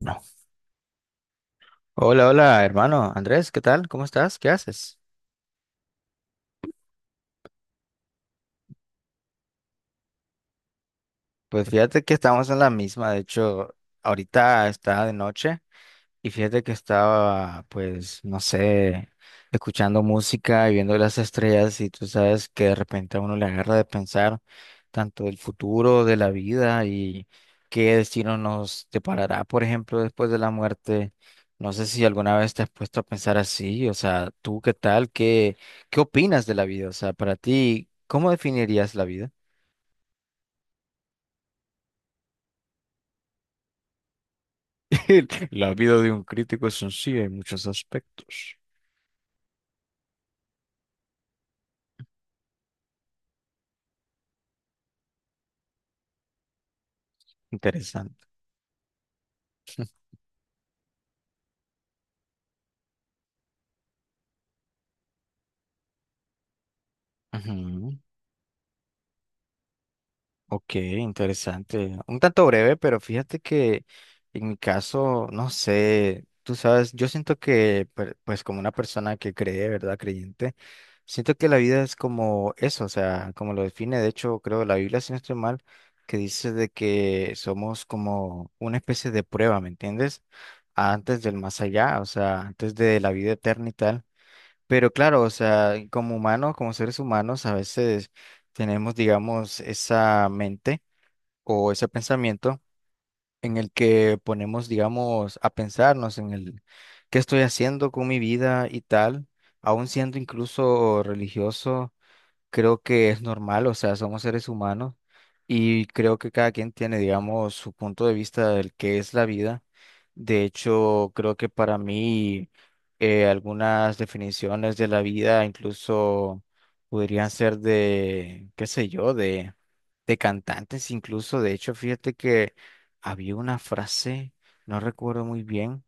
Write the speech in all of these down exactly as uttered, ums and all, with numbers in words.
No. Hola, hola, hermano Andrés, ¿qué tal? ¿Cómo estás? ¿Qué haces? Pues fíjate que estamos en la misma, de hecho, ahorita está de noche. Y fíjate que estaba, pues, no sé, escuchando música y viendo las estrellas y tú sabes que de repente a uno le agarra de pensar tanto del futuro, de la vida y qué destino nos deparará, por ejemplo, después de la muerte. No sé si alguna vez te has puesto a pensar así, o sea, ¿tú qué tal? ¿Qué, ¿qué opinas de la vida? O sea, para ti, ¿cómo definirías la vida? La vida de un crítico es sencilla en muchos aspectos. Interesante. Ujú. Ok, interesante. Un tanto breve, pero fíjate que en mi caso, no sé, tú sabes, yo siento que, per- pues como una persona que cree, ¿verdad? Creyente, siento que la vida es como eso, o sea, como lo define, de hecho, creo la Biblia, si no estoy mal, que dice de que somos como una especie de prueba, ¿me entiendes? Antes del más allá, o sea, antes de la vida eterna y tal. Pero claro, o sea, como humanos, como seres humanos, a veces tenemos, digamos, esa mente o ese pensamiento en el que ponemos, digamos, a pensarnos en el qué estoy haciendo con mi vida y tal, aun siendo incluso religioso creo que es normal, o sea, somos seres humanos y creo que cada quien tiene, digamos, su punto de vista del que es la vida. De hecho, creo que para mí eh, algunas definiciones de la vida incluso podrían ser de, qué sé yo, de, de cantantes incluso. De hecho, fíjate que había una frase, no recuerdo muy bien.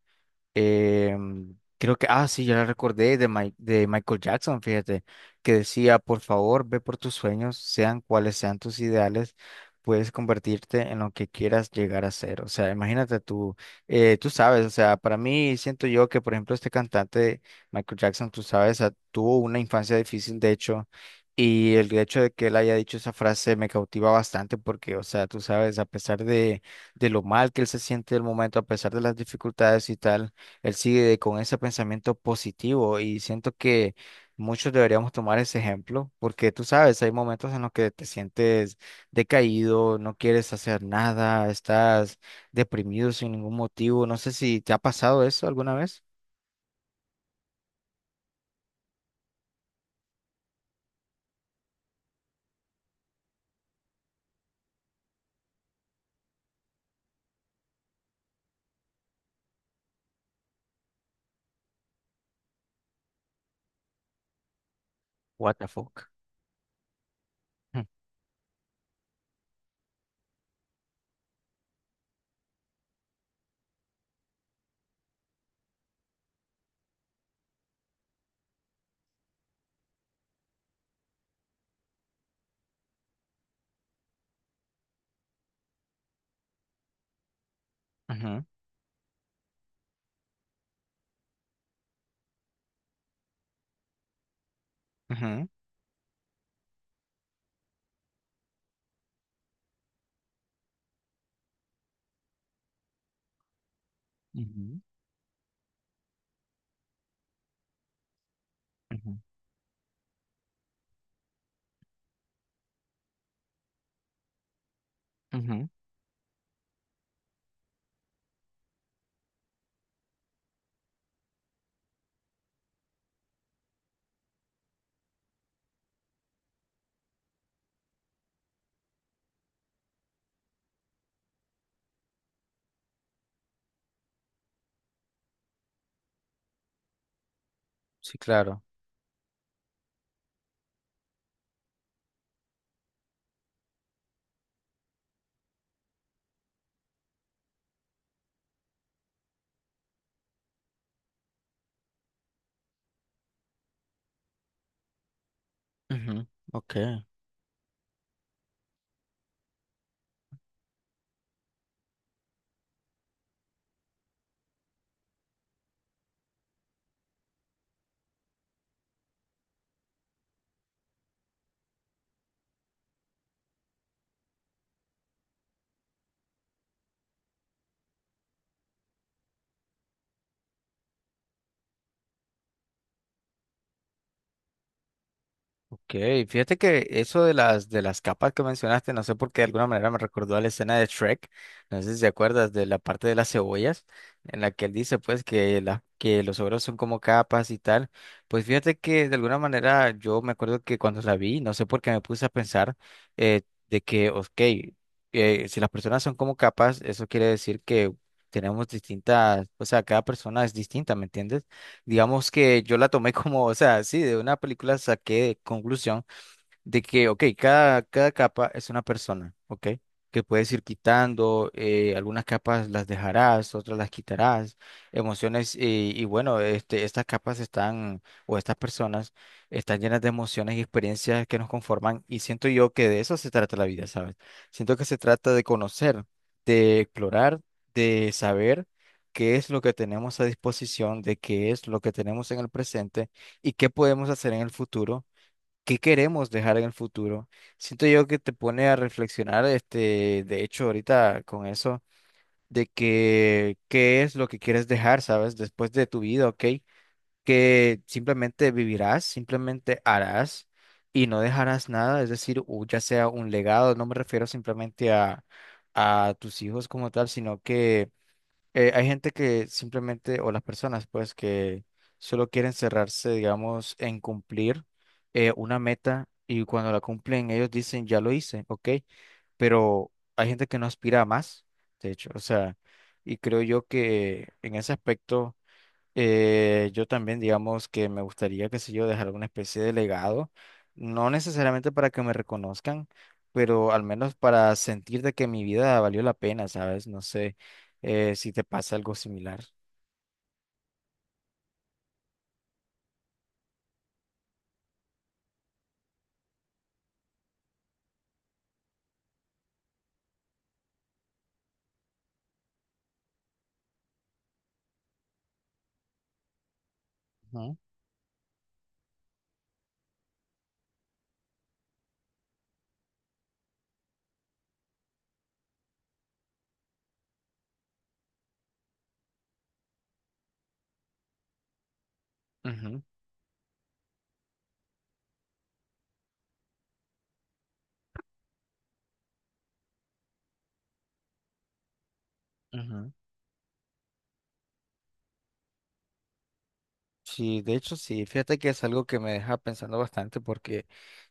Em, creo que, ah, sí, ya la recordé de, Mi- de Michael Jackson, fíjate, que decía, por favor, ve por tus sueños, sean cuales sean tus ideales, puedes convertirte en lo que quieras llegar a ser. O sea, imagínate tú, eh, tú sabes, o sea, para mí siento yo que, por ejemplo, este cantante, Michael Jackson, tú sabes, ah, tuvo una infancia difícil, de hecho. Y el hecho de que él haya dicho esa frase me cautiva bastante porque, o sea, tú sabes, a pesar de, de lo mal que él se siente en el momento, a pesar de las dificultades y tal, él sigue de- con ese pensamiento positivo y siento que muchos deberíamos tomar ese ejemplo porque tú sabes, hay momentos en los que te sientes decaído, no quieres hacer nada, estás deprimido sin ningún motivo. No sé si te ha pasado eso alguna vez. What the fuck. Ujú, ujú, ujú, ujú, ujú. Sí, claro. Ujú, Ok. Ok, fíjate que eso de las de las capas que mencionaste, no sé por qué de alguna manera me recordó a la escena de Shrek, no sé si te acuerdas de la parte de las cebollas, en la que él dice pues que la, que los ogros son como capas y tal. Pues fíjate que de alguna manera yo me acuerdo que cuando la vi, no sé por qué me puse a pensar eh, de que, ok, eh, si las personas son como capas, eso quiere decir que tenemos distintas, o sea, cada persona es distinta, ¿me entiendes? Digamos que yo la tomé como, o sea, sí, de una película saqué conclusión de que, ok, cada, cada capa es una persona, ok, que puedes ir quitando, eh, algunas capas las dejarás, otras las quitarás, emociones, y, y bueno, este, estas capas están, o estas personas, están llenas de emociones y experiencias que nos conforman, y siento yo que de eso se trata la vida, ¿sabes? Siento que se trata de conocer, de explorar, de saber qué es lo que tenemos a disposición, de qué es lo que tenemos en el presente y qué podemos hacer en el futuro, qué queremos dejar en el futuro. Siento yo que te pone a reflexionar, este, de hecho, ahorita con eso, de que qué es lo que quieres dejar, ¿sabes? Después de tu vida, ¿ok? Que simplemente vivirás, simplemente harás y no dejarás nada, es decir, u- ya sea un legado, no me refiero simplemente a, a tus hijos como tal, sino que eh, hay gente que simplemente, o las personas, pues, que solo quieren cerrarse, digamos, en cumplir eh, una meta y cuando la cumplen ellos dicen, ya lo hice, ok, pero hay gente que no aspira a más, de hecho, o sea, y creo yo que en ese aspecto eh, yo también, digamos que me gustaría, qué sé yo, dejar alguna especie de legado, no necesariamente para que me reconozcan, pero al menos para sentir de que mi vida valió la pena, ¿sabes? No sé eh, si te pasa algo similar. Ujú, ujú, ujú. Sí, de hecho sí, fíjate que es algo que me deja pensando bastante porque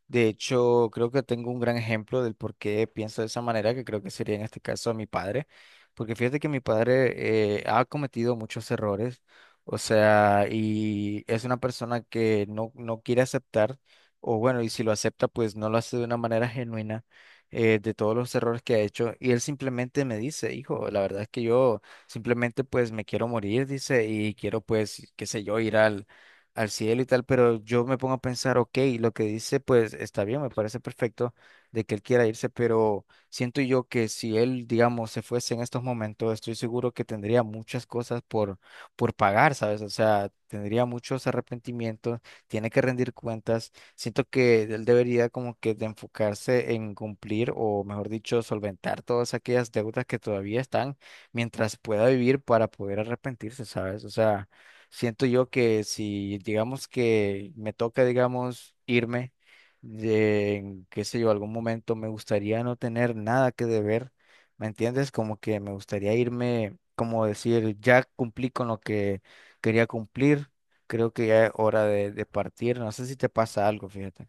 de hecho, creo que tengo un gran ejemplo del por qué pienso de esa manera, que creo que sería en este caso a mi padre, porque fíjate que mi padre eh, ha cometido muchos errores, o sea, y es una persona que no, no quiere aceptar, o bueno, y si lo acepta, pues no lo hace de una manera genuina eh, de todos los errores que ha hecho, y él simplemente me dice, hijo, la verdad es que yo simplemente pues me quiero morir, dice, y quiero pues, qué sé yo, ir al al cielo y tal, pero yo me pongo a pensar, ok, lo que dice, pues está bien, me parece perfecto de que él quiera irse, pero siento yo que si él, digamos, se fuese en estos momentos, estoy seguro que tendría muchas cosas por, por pagar, ¿sabes? O sea, tendría muchos arrepentimientos, tiene que rendir cuentas. Siento que él debería como que de enfocarse en cumplir o, mejor dicho, solventar todas aquellas deudas que todavía están mientras pueda vivir para poder arrepentirse, ¿sabes? O sea... Siento yo que si, digamos que me toca, digamos, irme, de, en, qué sé yo, algún momento me gustaría no tener nada que deber, ¿me entiendes? Como que me gustaría irme, como decir, ya cumplí con lo que quería cumplir, creo que ya es hora de, de partir, no sé si te pasa algo, fíjate,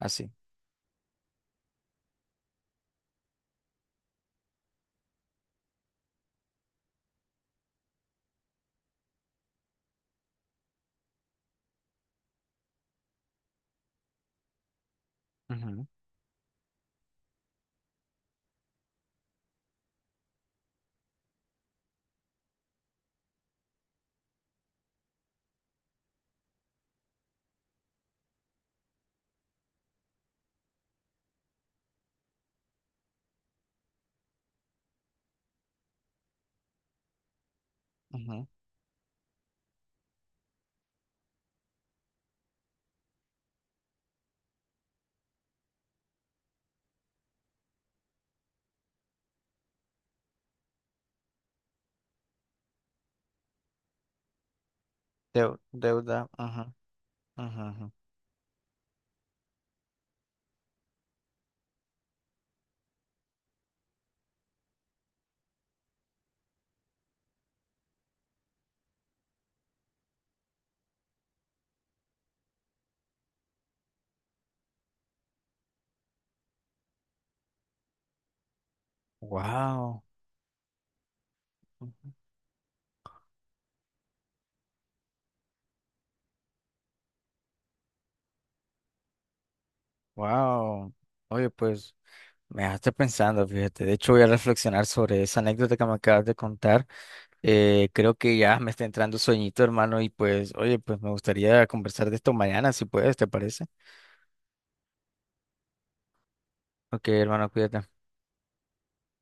así. Ujú, ujú. Deu- deuda, ajá, ajá, ajá. Wow, wow. Oye, pues... Me dejaste pensando, fíjate. De hecho, voy a reflexionar sobre esa anécdota que me acabas de contar. Eh, creo que ya me está entrando sueñito, hermano, y pues, oye, pues me gustaría conversar de esto mañana, si puedes, ¿te parece? Ok, hermano, cuídate.